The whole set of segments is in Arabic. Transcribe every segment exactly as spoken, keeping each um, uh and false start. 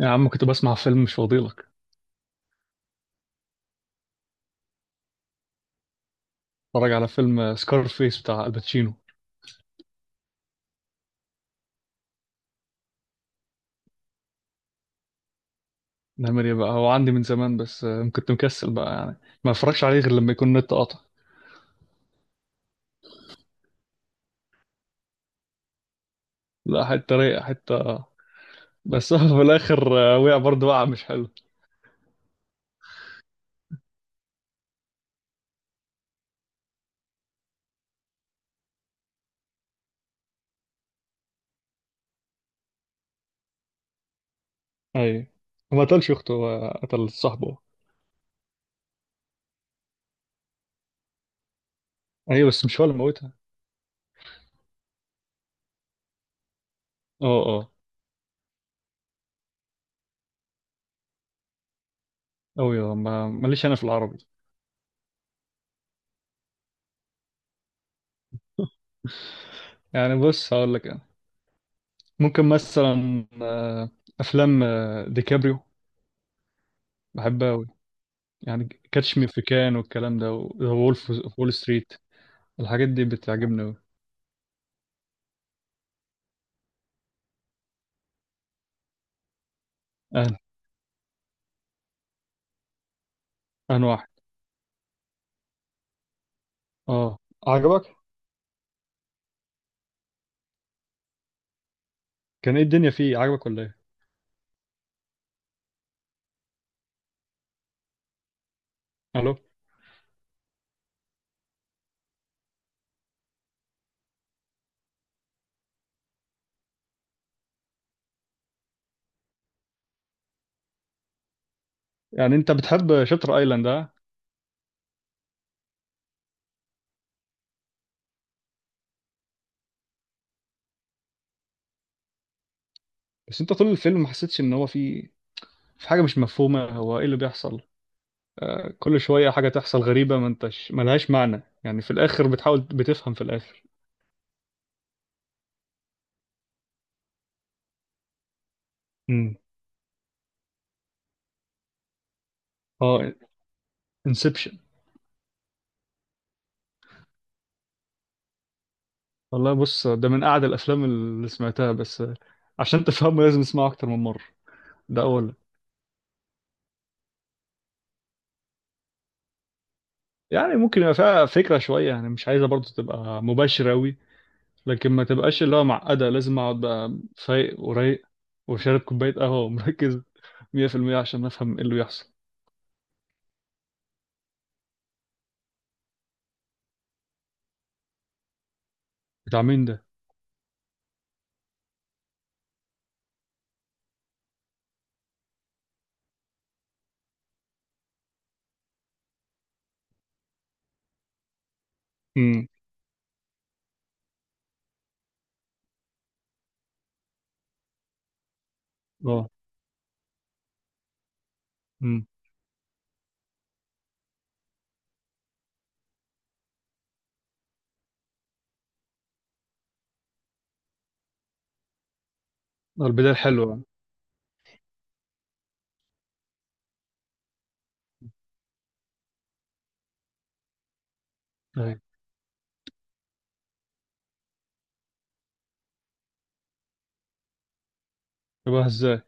يا عم، كنت بسمع فيلم، مش فاضيلك. اتفرج على فيلم، فيس بتاع الباتشينو. نعمل ايه بقى؟ هو عندي من زمان بس آه، كنت مكسل بقى يعني. ما اتفرجش عليه غير لما يكون النت قاطع. لا، حتة رايقة، حتة. بس هو في الاخر آه، وقع، برضه وقع مش حلو. اي، هو ما قتلش اخته، هو قتل صاحبه. ايوه، بس مش هو اللي موتها. اه، اه. اوي. آه، ما ماليش انا في العربي. يعني بص، هقول لك انا ممكن مثلا آه، افلام آه، ديكابريو. بحب. يعني كاتش مي في كان والكلام ده، وولف. وول ستريت. الحاجات دي بتعجبني أوي. أهلا، أهلا واحد. أه، عجبك؟ كان إيه الدنيا فيه؟ عجبك ولا إيه؟ ألو. يعني أنت بتحب شاتر أيلاند أه. بس أنت طول الفيلم ما حسيتش إن هو فيه في حاجة مش مفهومة هو إيه اللي بيحصل. كل شوية حاجة تحصل غريبة ما أنتش ملهاش معنى، يعني في الآخر بتحاول بتفهم في الآخر. امم. أه، انسبشن. والله بص، ده من أعد الأفلام اللي سمعتها. بس عشان تفهمه لازم تسمعه أكتر من مرة. ده أولا. يعني ممكن يبقى فيها فكرة شوية، يعني مش عايزة برضو تبقى مباشرة أوي. لكن ما تبقاش اللي هو معقدة لازم أقعد بقى فايق ورايق وشارب كوباية قهوة ومركز مية في المية عشان أفهم إيه اللي بيحصل. بتاع مين ده؟ امم. اه. امم. آه، البداية حلوة. أيوة. يبقى إزاي؟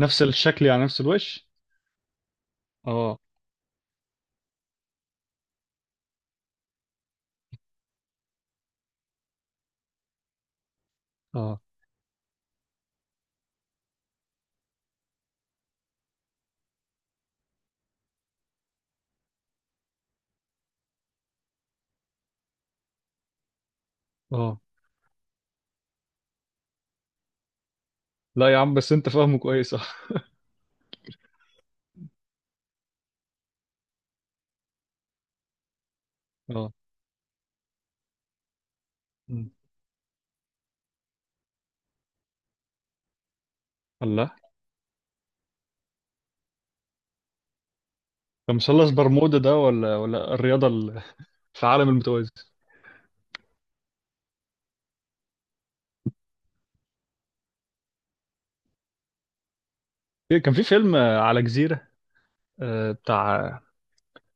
نفس الشكل، يعني نفس الوش؟ اه، اه، اه. لا يا عم، بس أنت فاهمه كويس اه. اه. مم. الله. ده مثلث برمودا ده ولا ولا الرياضة ال- في عالم المتوازي؟ كان في فيلم آه، على جزيرة، آه، بتاع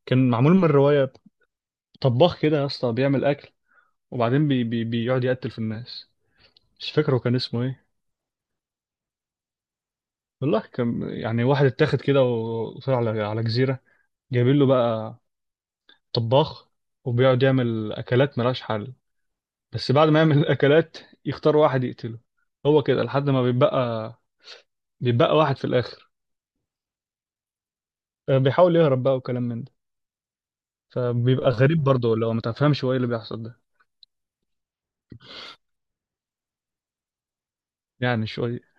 كان معمول من الرواية. طباخ كده يا اسطى بيعمل أكل، وبعدين بي بي بيقعد يقتل في الناس. مش فاكره كان اسمه إيه. والله كان يعني واحد اتاخد كده وطلع على على جزيرة. جايبين له بقى طباخ، وبيقعد يعمل أكلات ملهاش حل. بس بعد ما يعمل الأكلات يختار واحد يقتله. هو كده لحد ما بيبقى بيبقى واحد في الآخر. آه، بيحاول يهرب بقى وكلام من ده. فبيبقى غريب برضه لو ما تفهمش هو ايه اللي بيحصل ده. يعني شوية.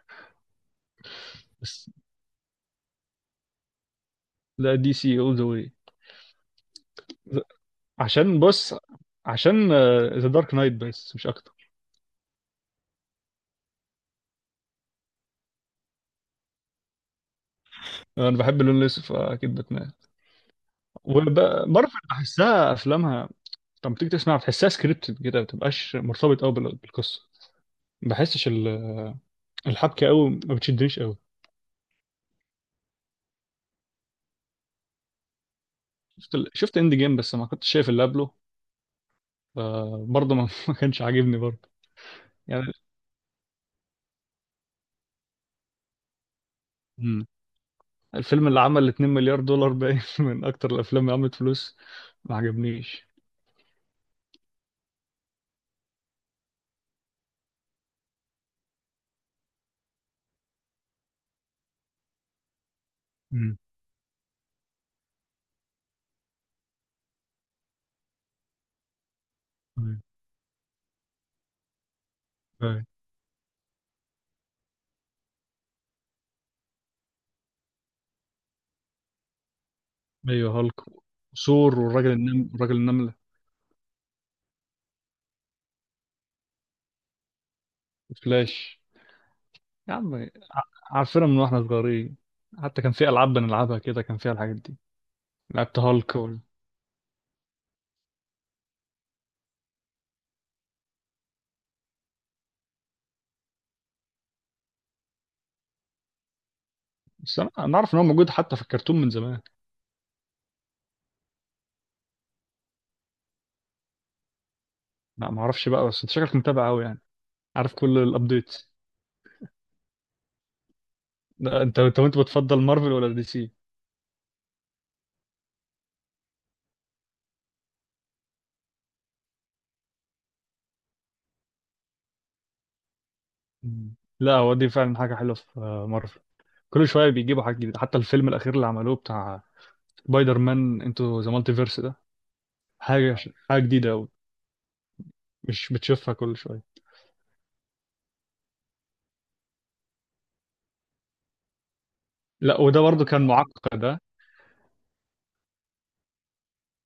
بس لا، دي سي all the way. عشان بص، عشان ذا دارك نايت، بس مش اكتر. انا بحب اللون الاسود فاكيد باتمان. ومارفل بحسها افلامها لما تيجي تسمعها بتحسها سكريبتد كده، ما بتبقاش مرتبط قوي بالقصه. ما بحسش ال- الحبكه قوي ما بتشدنيش قوي. شفت ال- شفت اند جيم، بس ما كنتش شايف اللي قبله. فبرضه ما ما كانش عاجبني برضه. يعني. مم. الفيلم اللي عمل اتنين مليار دولار مليار دولار باين من اكتر الافلام اللي عملت فلوس. ما عجبنيش. مم. مم. ايوه، هالك. وثور والراجل النم... والراجل النملة. وفلاش. يا عم، ع- عارفينها من واحنا صغيرين. حتى كان في ألعاب بنلعبها كده كان فيها الحاجات دي. لعبت هالك وال... بس أنا أنا أعرف إن هو موجود حتى في الكرتون من زمان. لا، ما أعرفش بقى، بس أنت شكلك متابع أوي يعني. عارف كل الأبديتس. لا، أنت أنت وأنت بتفضل مارفل ولا دي سي؟ مم. لا، هو دي فعلا حاجة حلوة في آه، مارفل. كل شوية بيجيبوا حاجة جديدة، حتى الفيلم الأخير اللي عملوه بتاع سبايدر مان انتو ذا مالتيفيرس ده. حاجة حاجة جديدة أوي. مش بتشوفها كل شوية. لا، وده برضو كان معقد ده.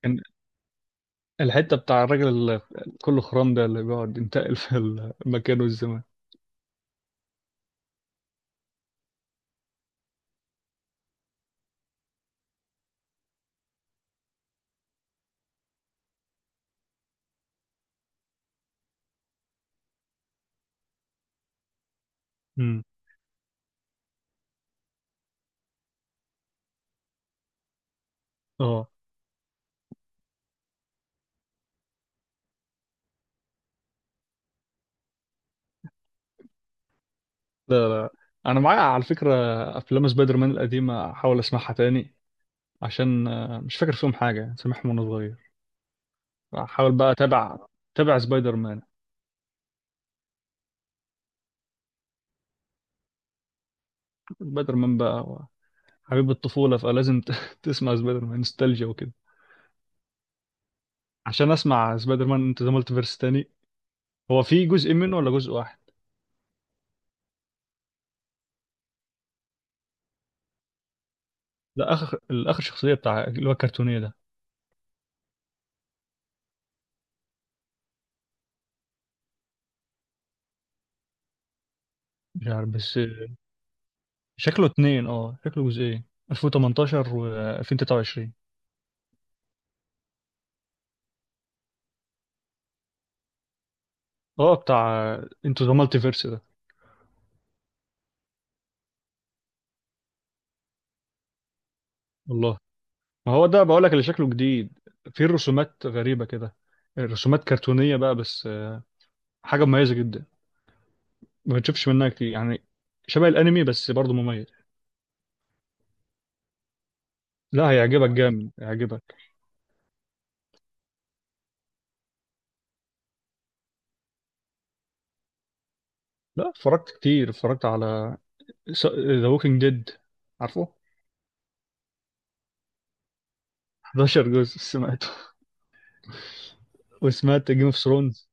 كان الحتة بتاع الراجل اللي كله خرام ده اللي بيقعد ينتقل في المكان والزمان. امم. اه. لا، لا. انا معايا على فكرة افلام سبايدر مان القديمة، احاول اسمعها تاني عشان آه، مش فاكر فيهم حاجة، سامعهم وانا صغير. احاول بقى اتابع تابع سبايدر مان. سبايدر مان بقى هو حبيب الطفولة، فلازم ت- تسمع سبايدر مان نوستالجيا وكده. عشان اسمع سبايدر مان انت ذا مالتيفيرس تاني. هو في جزء منه ولا جزء واحد؟ لا، اخر الاخر شخصية بتاع اللي هو الكرتونية ده. مش عارف بس شكله اتنين، اه شكله جزئين، ألفين وتمنتاشر و ألفين وتلاتة وعشرين. اه بتاع انتو ذا مالتي فيرس ده. والله، ما هو ده بقول لك اللي شكله جديد. فيه رسومات غريبة كده، رسومات كرتونية بقى، بس حاجة مميزة جدا. ما بتشوفش منها كتير يعني. شبه الانمي، بس برضه مميز. لا، هيعجبك جامد هيعجبك. لا، اتفرجت كتير، اتفرجت على ذا ووكينج ديد. عارفه 11 جزء سمعته، وسمعت جيم اوف ثرونز.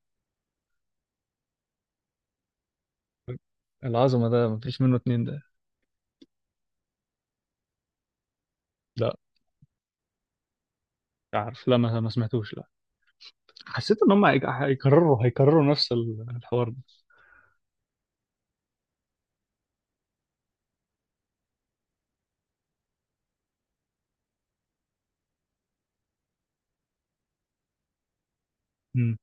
العظمة، ده مفيش منه اتنين ده. لا، عارف، لا، ما ما سمعتوش، لا. حسيت ان هم هيك- هيكرروا هيكرروا نفس ال- الحوار ده. مم.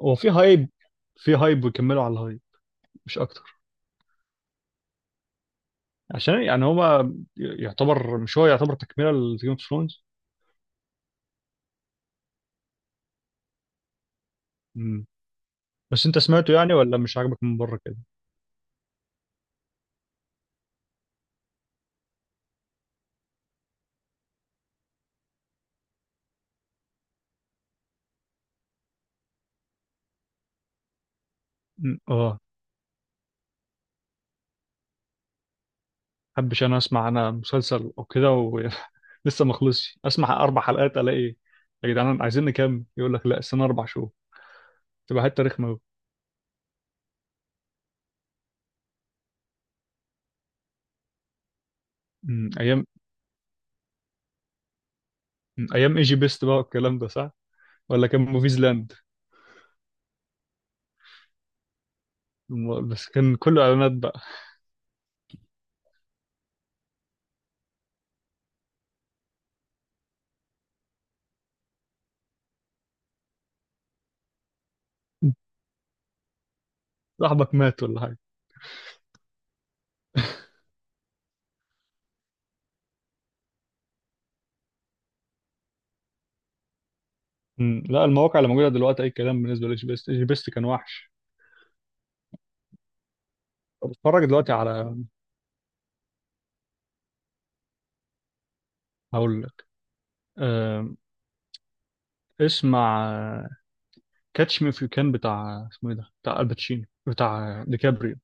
هو في هايب، في هايب ويكملوا على الهايب، مش اكتر. عشان يعني هو يعتبر، مش، هو يعتبر تكمله لجيم اوف ثرونز. بس انت سمعته يعني، ولا مش عاجبك من بره كده؟ مم. اه. حبش انا اسمع انا مسلسل او كده و... لسه ما خلصش، اسمع اربع حلقات الاقي يا جدعان عايزين نكمل، يقول لك لا، السنه اربع شهور، تبقى حته رخمه قوي. ايام. مم. ايام ايجي بيست بقى والكلام ده، صح. ولا كان موفيز لاند؟ م- بس كان كله اعلانات بقى. صاحبك مات ولا حاجه؟ مم. لا، المواقع اللي موجوده دلوقتي اي كلام بالنسبه لجي بي اس، جي بي اس كان وحش. طب اتفرج دلوقتي على هقول لك آم، اسمع، كاتش مي اف يو كان بتاع اسمه ايه ده بتاع الباتشينو بتاع ديكابريو.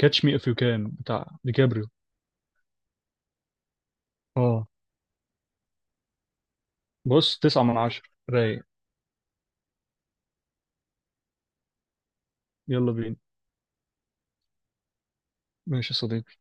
كاتش مي اف يو كان بتاع ديكابريو. اه. بص، تسعة من عشرة، رايق. يلا بينا. ماشي يا صديقي.